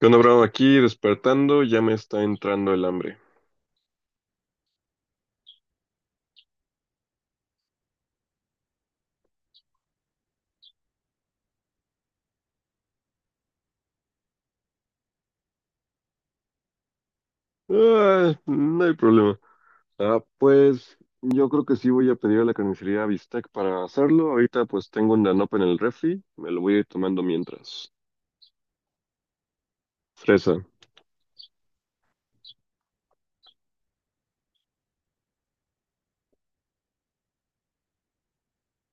¿Qué onda, Bravo? Aquí despertando, ya me está entrando el hambre. Ah, no hay problema. Ah, pues yo creo que sí voy a pedir a la carnicería bistec para hacerlo. Ahorita pues tengo un Danope en el refri, me lo voy a ir tomando mientras. Fresa.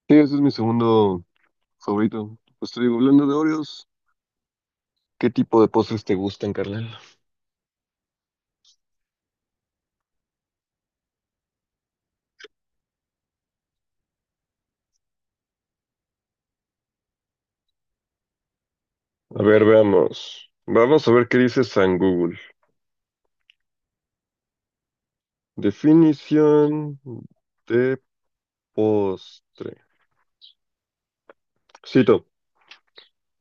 Sí, ese es mi segundo favorito. Pues te digo, hablando de Oreos, ¿qué tipo de postres te gustan, carnal? A ver, veamos. Vamos a ver qué dice San Google. Definición de postre. Cito.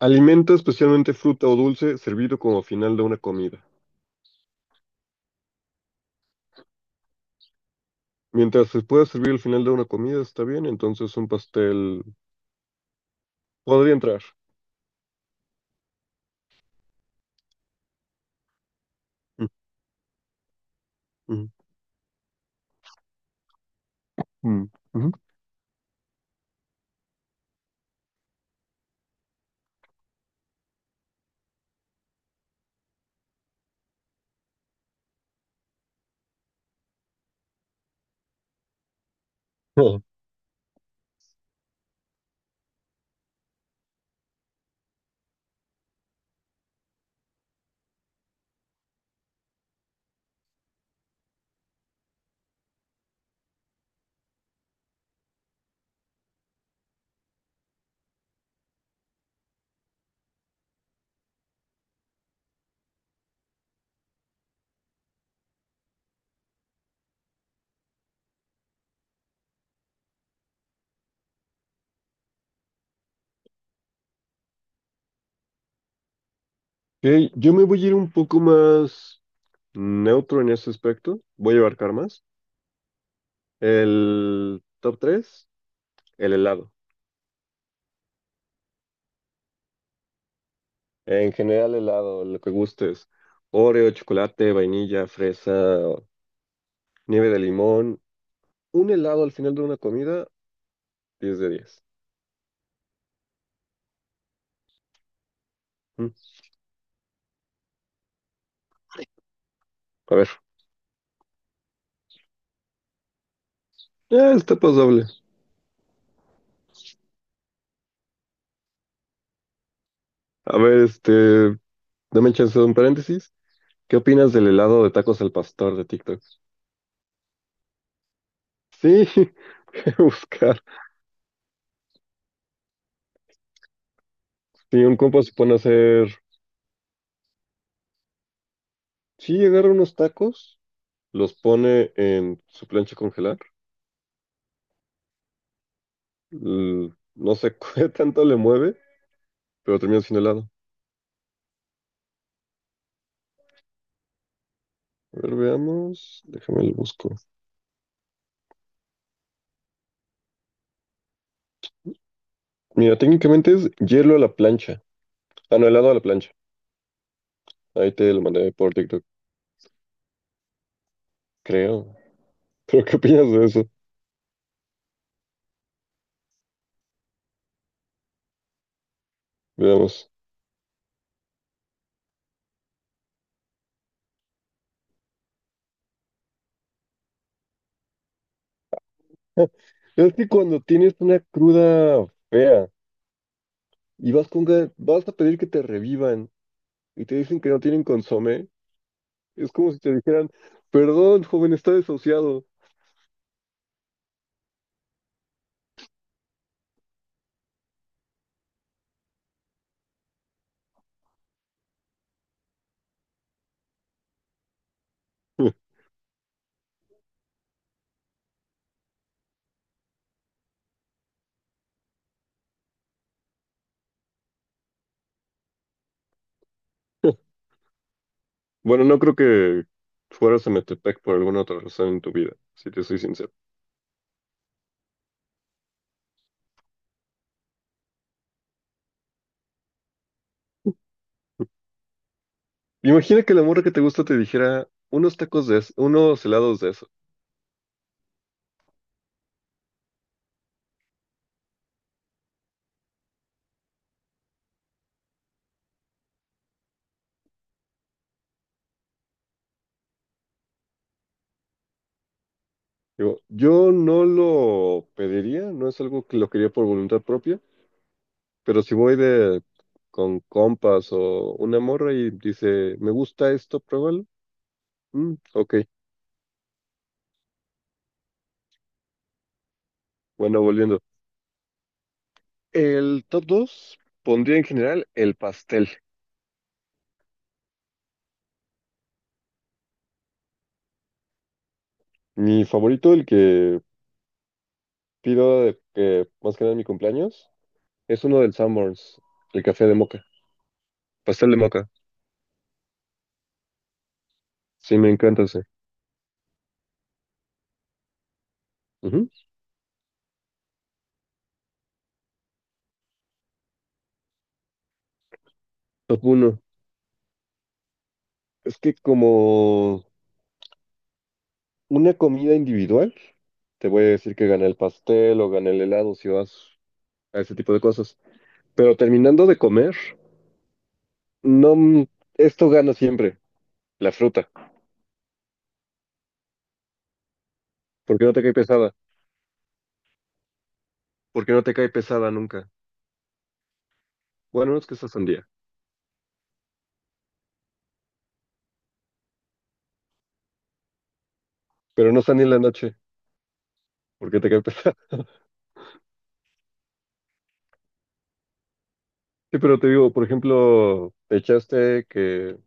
Alimento, especialmente fruta o dulce, servido como final de una comida. Mientras se pueda servir al final de una comida, está bien, entonces un pastel podría entrar. Mm, mm, mm, mm. Oh. Ok, yo me voy a ir un poco más neutro en ese aspecto. Voy a abarcar más. El top 3, el helado. En general, helado, lo que gustes. Oreo, chocolate, vainilla, fresa, nieve de limón. Un helado al final de una comida, 10 de 10. Mm. A ver, está pasable. A ver, dame chance de un paréntesis. ¿Qué opinas del helado de tacos al pastor de TikTok? Sí, voy a buscar. Si un compa se pone a hacer, sí, agarra unos tacos, los pone en su plancha a congelar. L- No sé qué tanto le mueve, pero termina siendo helado. A ver, veamos. Déjame lo busco. Mira, técnicamente es hielo a la plancha. Ah, no, helado a la plancha. Ahí te lo mandé por TikTok, creo. ¿Pero qué opinas de eso? Veamos. Es que cuando tienes una cruda fea y vas con ga- vas a pedir que te revivan y te dicen que no tienen consomé, es como si te dijeran, perdón, joven, está desahuciado. Bueno, no creo que fueras a Metepec por alguna otra razón en tu vida, si te soy sincero. Imagina que la morra que te gusta te dijera unos tacos de eso, unos helados de eso. Digo, yo no lo pediría, no es algo que lo quería por voluntad propia. Pero si voy de con compas o una morra y dice, me gusta esto, pruébalo. Mm, ok, bueno, volviendo. El top 2 pondría en general el pastel. Mi favorito, el que pido de que más que nada en mi cumpleaños, es uno del Sanborns, el café de moca, pastel de moca. Sí, me encanta ese. Ujú. Top 1. Es que como una comida individual, te voy a decir que gané el pastel o gané el helado si vas a ese tipo de cosas. Pero terminando de comer, no, esto gana siempre, la fruta. Porque no te cae pesada, porque no te cae pesada nunca. Bueno, no es que esta sandía, pero no está ni en la noche, porque te cae pesada. Sí, pero te digo, por ejemplo, te echaste que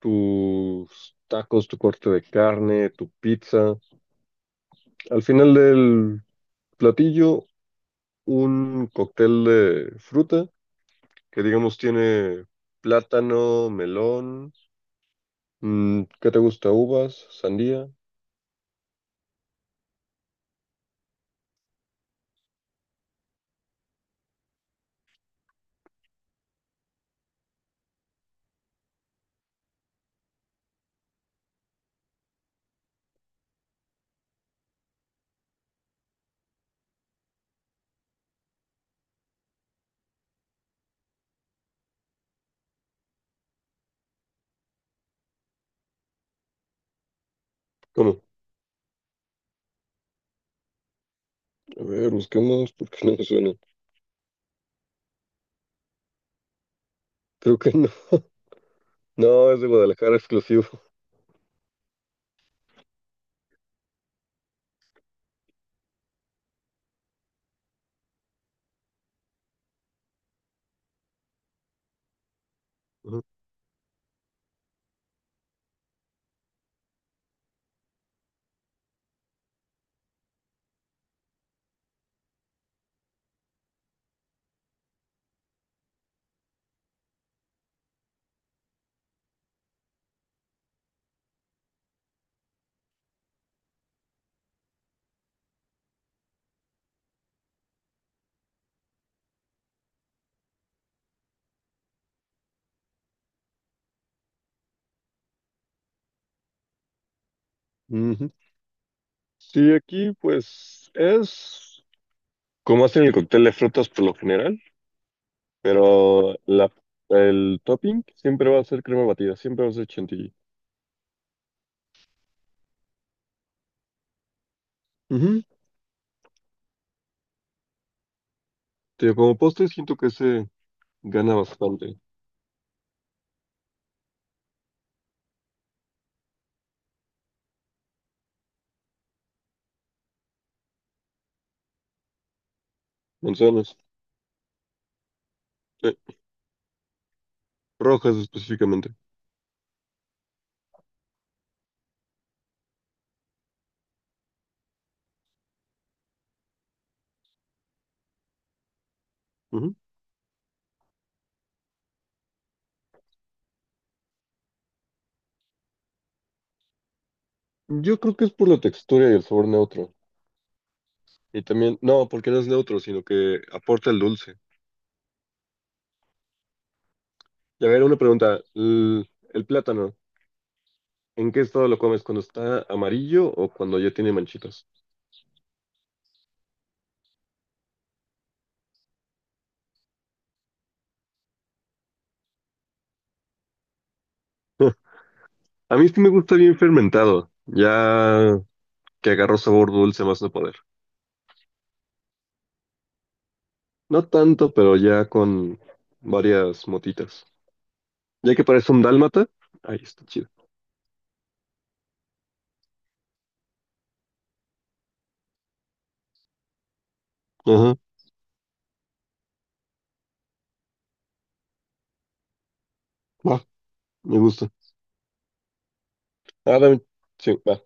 tus tacos, tu corte de carne, tu pizza, al final del platillo, un cóctel de fruta que digamos tiene plátano, melón, ¿qué te gusta? Uvas, sandía. ¿Cómo? A ver, busquemos porque no me suenan. Creo que no. No, es de Guadalajara exclusivo. Ujú. Ujú. Sí, aquí pues es como hacen el cóctel de frutas por lo general, pero el topping siempre va a ser crema batida, siempre va a ser chantilly. Ujú. Tío, como postre siento que se gana bastante. Manzanas, eh, rojas específicamente. Ujú. Yo creo que es por la textura y el sabor neutro. Y también, no, porque no es neutro, sino que aporta el dulce. Y a ver, una pregunta. El plátano, ¿en qué estado lo comes? ¿Cuando está amarillo o cuando ya tiene manchitas? A mí sí me gusta bien fermentado, ya que agarró sabor dulce más no poder. No tanto, pero ya con varias motitas. Ya que parece un dálmata, ahí está chido. Ajá, va, me gusta. Ah, también, sí, va.